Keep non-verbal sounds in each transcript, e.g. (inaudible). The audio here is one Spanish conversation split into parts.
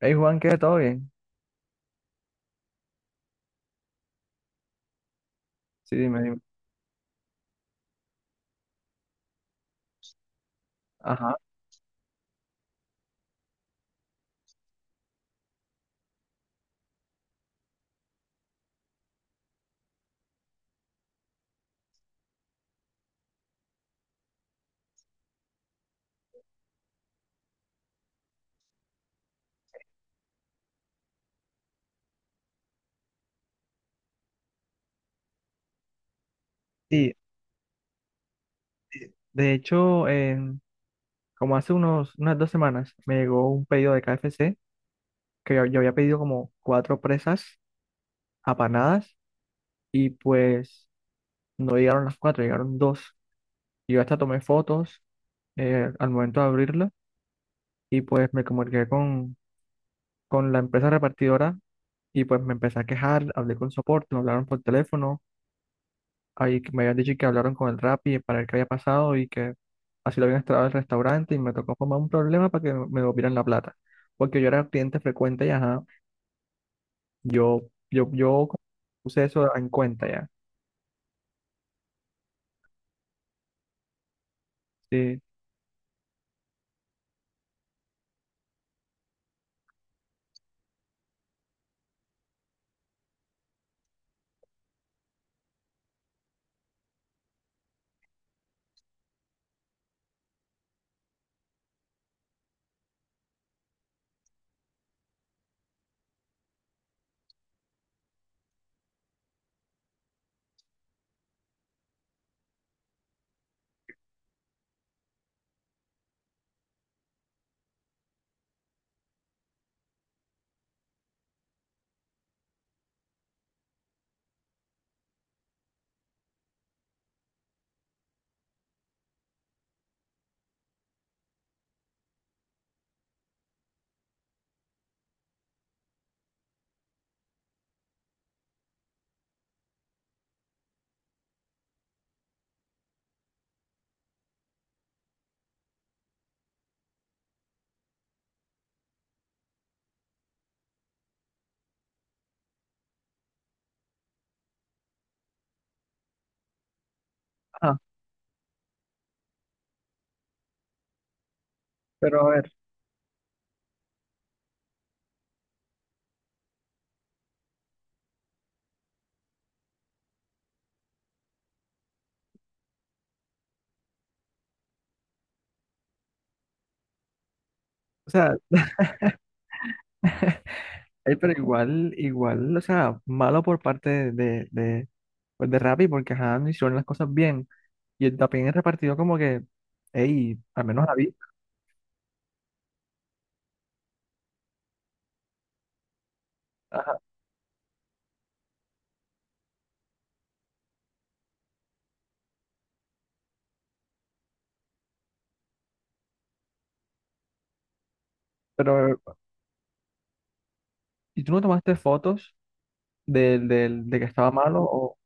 Hey Juan, ¿qué? ¿Todo bien? Sí, dime, dime. Ajá. Sí, de hecho, como hace unas 2 semanas me llegó un pedido de KFC que yo había pedido como 4 presas apanadas y pues no llegaron las 4, llegaron 2. Yo hasta tomé fotos al momento de abrirla y pues me comuniqué con la empresa repartidora y pues me empecé a quejar, hablé con soporte, me hablaron por teléfono, ahí que me habían dicho que hablaron con el Rappi para ver qué había pasado y que así lo habían instalado el restaurante y me tocó formar un problema para que me devolvieran la plata. Porque yo era cliente frecuente y ajá, yo, yo puse eso en cuenta ya. Sí. Ajá, pero a ver, o sea, (laughs) pero igual, o sea, malo por parte pues de Rappi porque ajá, no hicieron las cosas bien. Y el- también el repartido como que, hey, al menos a mí. Ajá, pero, ¿y tú no tomaste fotos de que estaba malo o...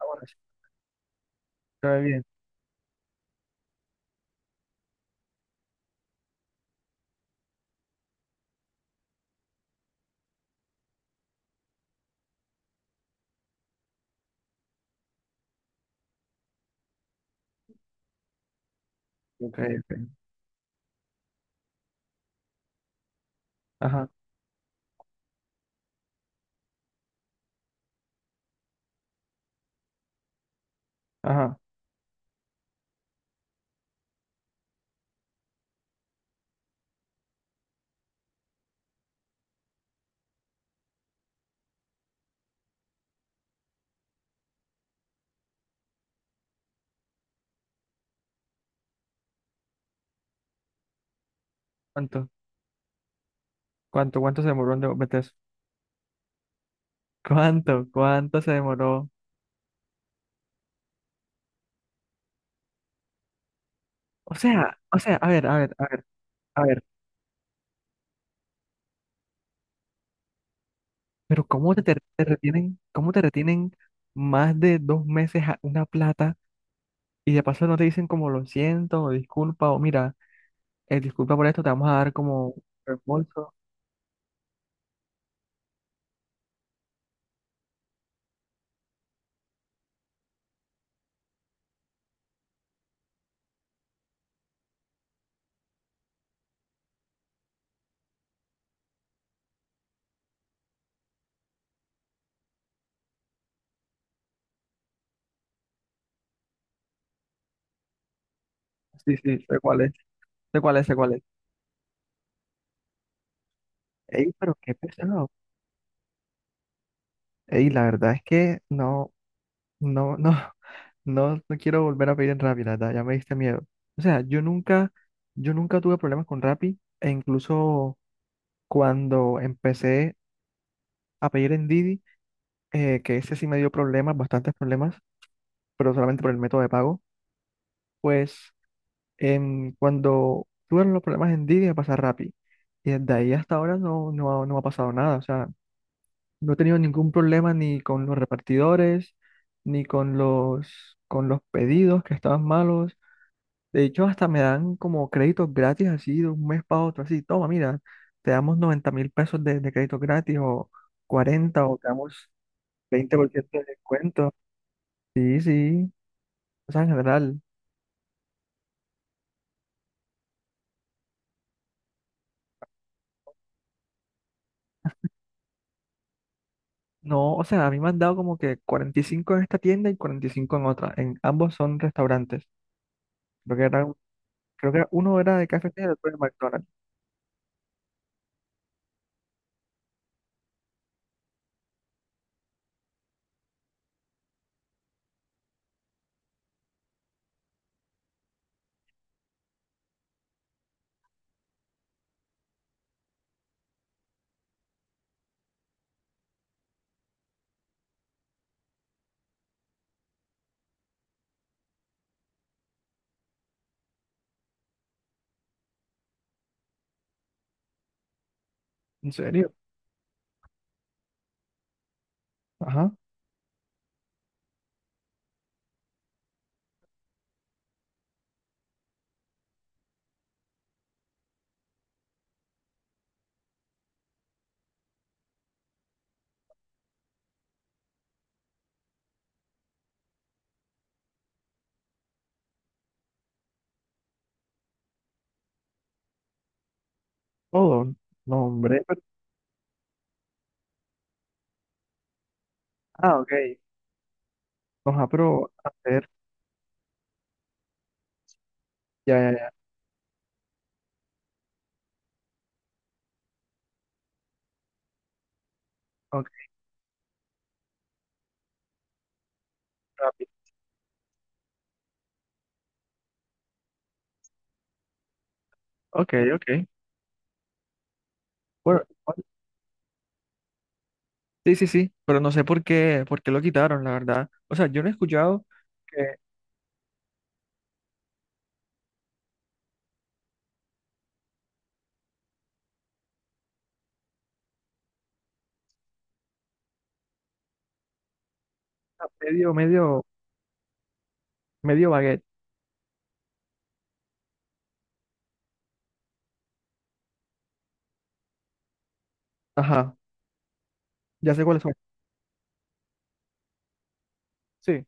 Ah, bueno, sí, se ve bien. Ok, ok. Ajá, ajá. ¿Cuánto? Cuánto se demoró en de- meter eso? Cuánto se demoró? A ver, a ver, pero ¿cómo te, te- te retienen, cómo te retienen más de 2 meses a- una plata y de paso no te dicen como lo siento o disculpa o mira, disculpa por esto, te vamos a dar como reembolso? Sí, sí, sé cuál es, sé cuál es, sé cuál es. Ey, pero qué pesado. Ey, la verdad es que no, no, no. No, no quiero volver a pedir en Rappi, la verdad, ya me diste miedo. O sea, yo nunca tuve problemas con Rappi, e incluso cuando empecé a pedir en Didi, que ese sí me dio problemas, bastantes problemas, pero solamente por el método de pago, pues cuando tuve los problemas en Didi me pasé a Rappi. Y desde ahí hasta ahora no, no, ha- no me ha pasado nada. O sea, no he tenido ningún problema ni con los repartidores, ni con con los pedidos que estaban malos. De hecho, hasta me dan como créditos gratis así de un mes para otro, así, toma, mira, te damos 90.000 pesos de crédito gratis o 40 o te damos 20% de descuento. Sí, sí, o sea, en general. No, o sea, a mí me han dado como que 45 en esta tienda y 45 en otra. En ambos son restaurantes. Creo que era, creo que era- uno era de KFC y el otro de McDonald's. ¿En serio? Ajá, todo. No, hombre, pero- Ah, ok. Nos pero hacer. Ya, ya, ya. Ok, rápido. Ok, ok. Bueno, sí, sí, sí, pero no sé por qué lo quitaron, la verdad. O sea, yo no he escuchado que ah, medio baguette. Ajá, ya sé cuáles son. Sí,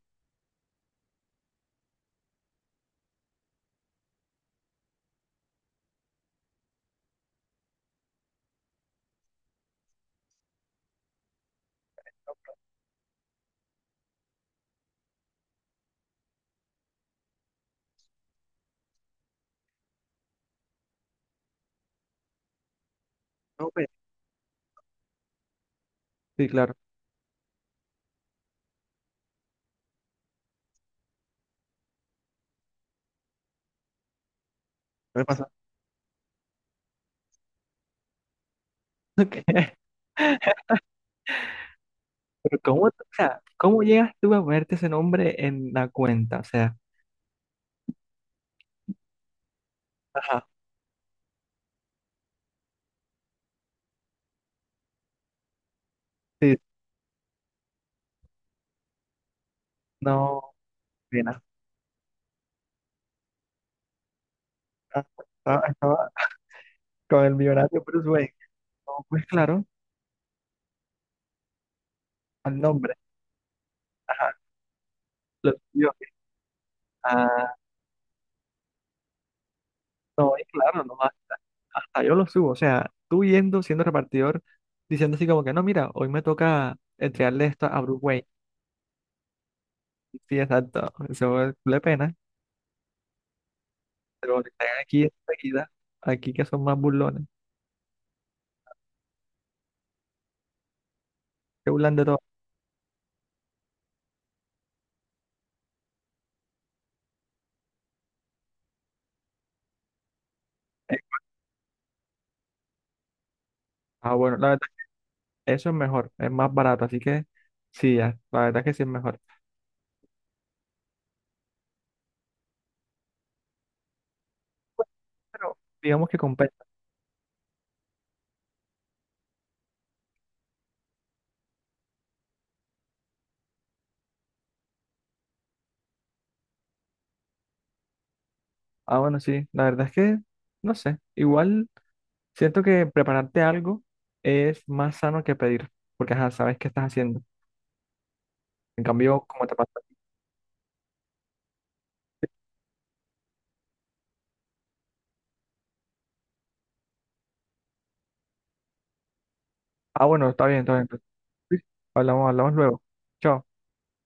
no, pues, sí, claro. ¿Qué pasa? (laughs) ¿Qué? Pero ¿cómo, o sea, cómo llegas tú a ponerte ese nombre en la cuenta? O sea, ajá, sí, no, pena. Ah, estaba, estaba con el millonario Bruce Wayne. No, pues claro, al nombre. Ajá, lo subió. No, es claro, no, hasta, hasta yo lo subo. O sea, tú yendo, siendo repartidor, diciendo así como que no, mira, hoy me toca entregarle esto a Bruce Wayne. Sí, exacto. Eso es le pena. Pero que están aquí enseguida, aquí que son más burlones, que burlan de todo. Eh, Ah, bueno, la verdad, eso es mejor, es más barato. Así que sí, ya, la verdad es que sí es mejor. Bueno, pero digamos que compensa. Ah, bueno, sí, la verdad es que, no sé, igual siento que prepararte algo es más sano que pedir, porque ajá, sabes qué estás haciendo. ¿En cambio, como te pasa? Ah, bueno, está bien, está bien. Hablamos, hablamos luego. Chao.